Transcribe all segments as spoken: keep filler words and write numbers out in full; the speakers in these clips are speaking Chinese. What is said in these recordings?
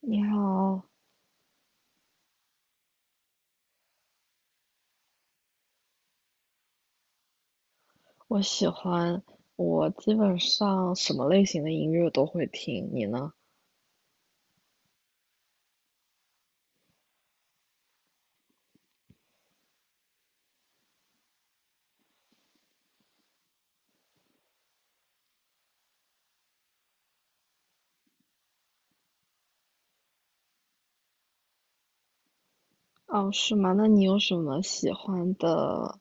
你好。我喜欢，我基本上什么类型的音乐都会听，你呢？哦，是吗？那你有什么喜欢的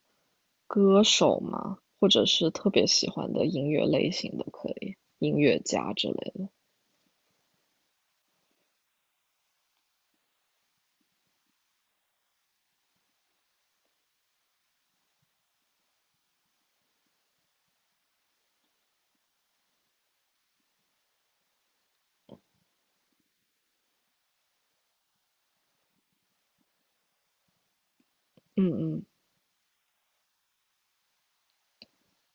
歌手吗？或者是特别喜欢的音乐类型都可以，音乐家之类的。嗯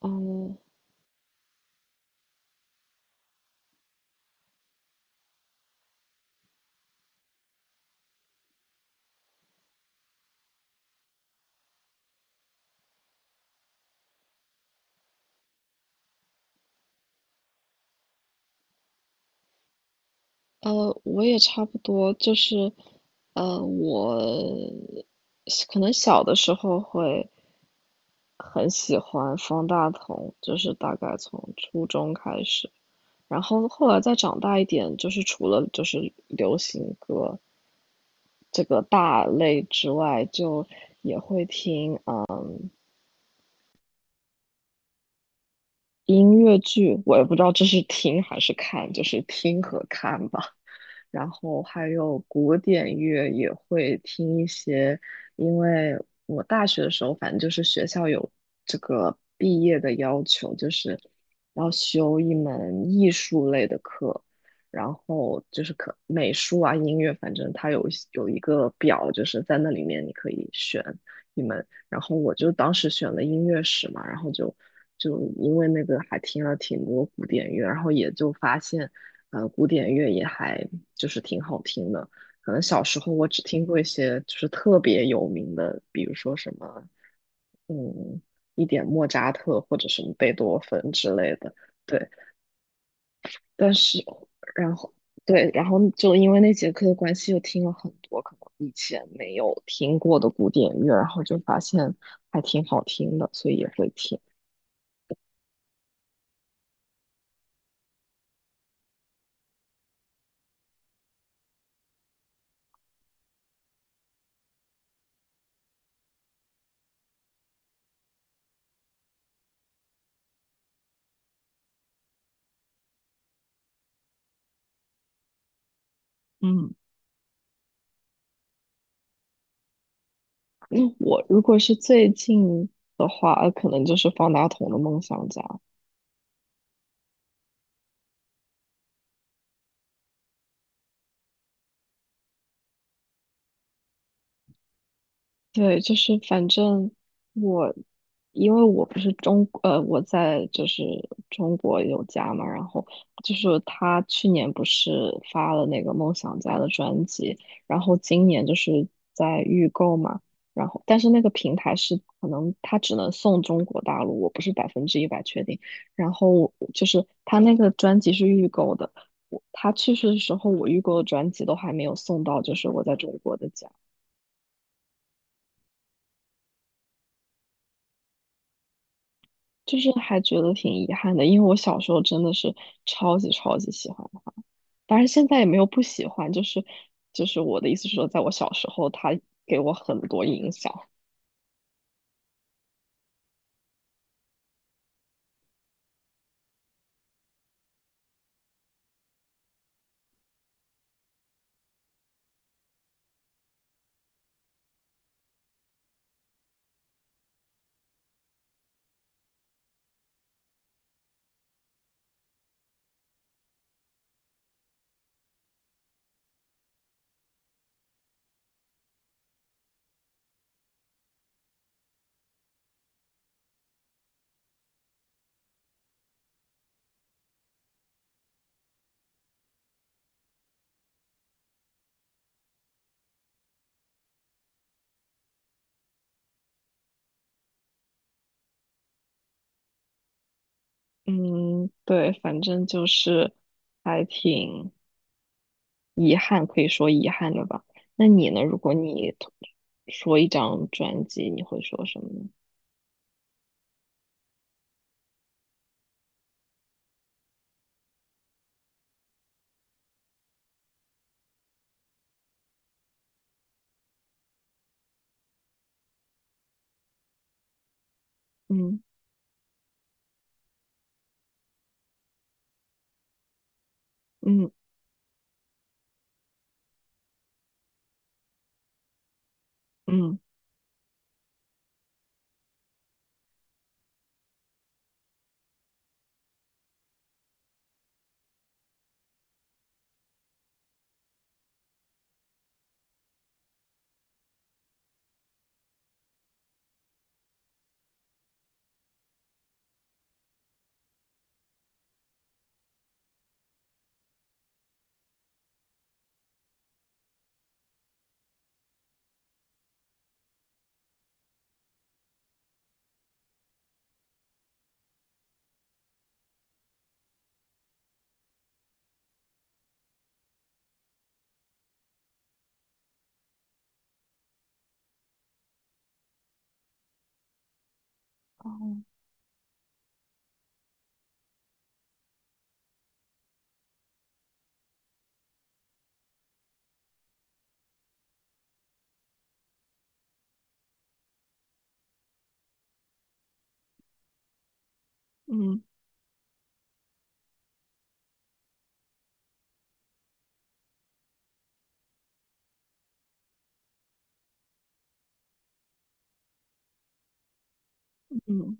嗯，呃呃，我也差不多，就是，呃，我可能小的时候会很喜欢方大同，就是大概从初中开始。然后后来再长大一点，就是除了就是流行歌这个大类之外，就也会听啊音乐剧。我也不知道这是听还是看，就是听和看吧。然后还有古典乐也会听一些，因为我大学的时候，反正就是学校有这个毕业的要求，就是要修一门艺术类的课，然后就是可美术啊、音乐，反正它有有一个表，就是在那里面你可以选一门。然后我就当时选了音乐史嘛，然后就就因为那个还听了挺多古典乐，然后也就发现，呃，古典乐也还就是挺好听的。可能小时候我只听过一些就是特别有名的，比如说什么，嗯，一点莫扎特或者什么贝多芬之类的。对，但是，然后，对，然后就因为那节课的关系，又听了很多可能以前没有听过的古典乐，然后就发现还挺好听的，所以也会听。嗯，那我如果是最近的话，呃可能就是方大同的《梦想家》。对，就是反正我，因为我不是中，呃，我在就是中国有家嘛，然后就是他去年不是发了那个梦想家的专辑，然后今年就是在预购嘛，然后但是那个平台是可能他只能送中国大陆，我不是百分之一百确定，然后就是他那个专辑是预购的，我他去世的时候我预购的专辑都还没有送到，就是我在中国的家。就是还觉得挺遗憾的，因为我小时候真的是超级超级喜欢，当然现在也没有不喜欢，就是就是我的意思是说，在我小时候，他给我很多影响。嗯，对，反正就是还挺遗憾，可以说遗憾的吧。那你呢？如果你 t- 说一张专辑，你会说什么呢？嗯嗯嗯。哦。嗯嗯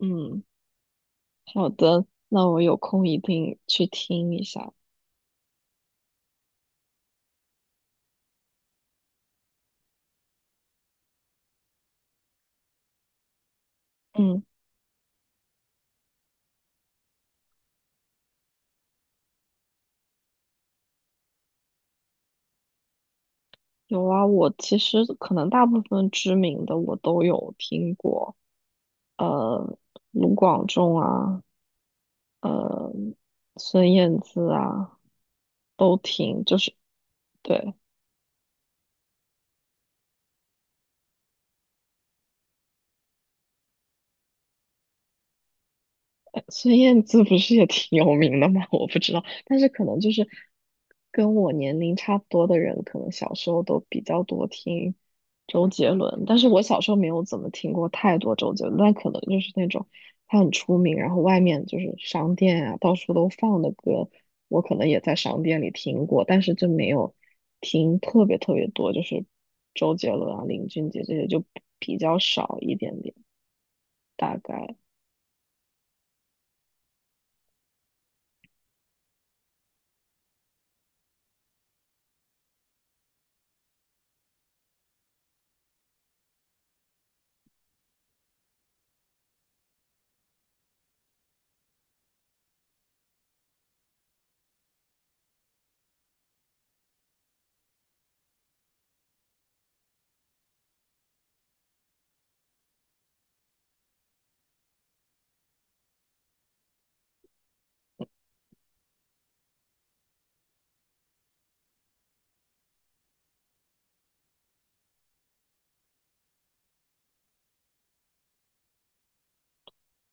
嗯。好的，那我有空一定去听一下。嗯。有啊，我其实可能大部分知名的我都有听过，呃，卢广仲啊，呃，孙燕姿啊，都听，就是对。孙燕姿不是也挺有名的吗？我不知道，但是可能就是跟我年龄差不多的人，可能小时候都比较多听周杰伦，但是我小时候没有怎么听过太多周杰伦，但可能就是那种他很出名，然后外面就是商店啊，到处都放的歌，我可能也在商店里听过，但是就没有听特别特别多，就是周杰伦啊、林俊杰这些就比较少一点点，大概。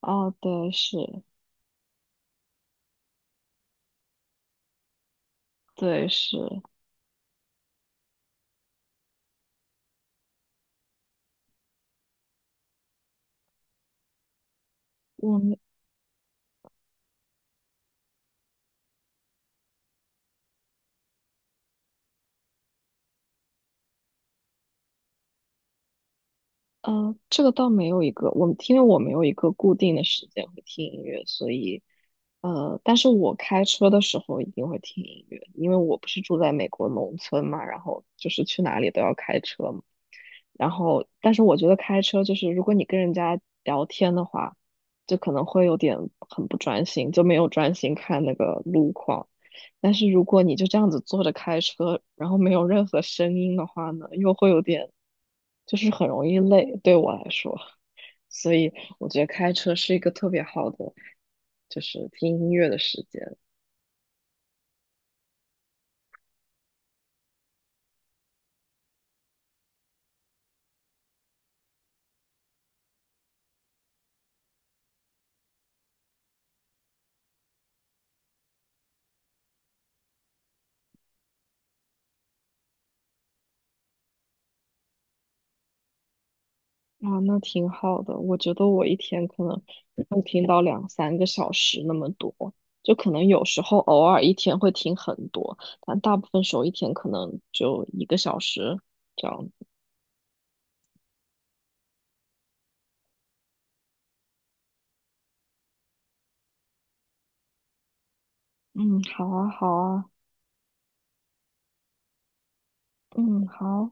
啊，对，是。对，是。我们呃，这个倒没有一个，我们因为我没有一个固定的时间会听音乐，所以呃，但是我开车的时候一定会听音乐，因为我不是住在美国农村嘛，然后就是去哪里都要开车嘛，然后，但是我觉得开车就是，如果你跟人家聊天的话，就可能会有点很不专心，就没有专心看那个路况。但是如果你就这样子坐着开车，然后没有任何声音的话呢，又会有点，就是很容易累，对我来说。所以我觉得开车是一个特别好的，就是听音乐的时间。啊，那挺好的。我觉得我一天可能会听到两三个小时那么多，就可能有时候偶尔一天会听很多，但大部分时候一天可能就一个小时这样子。嗯，好啊，好啊，嗯，好。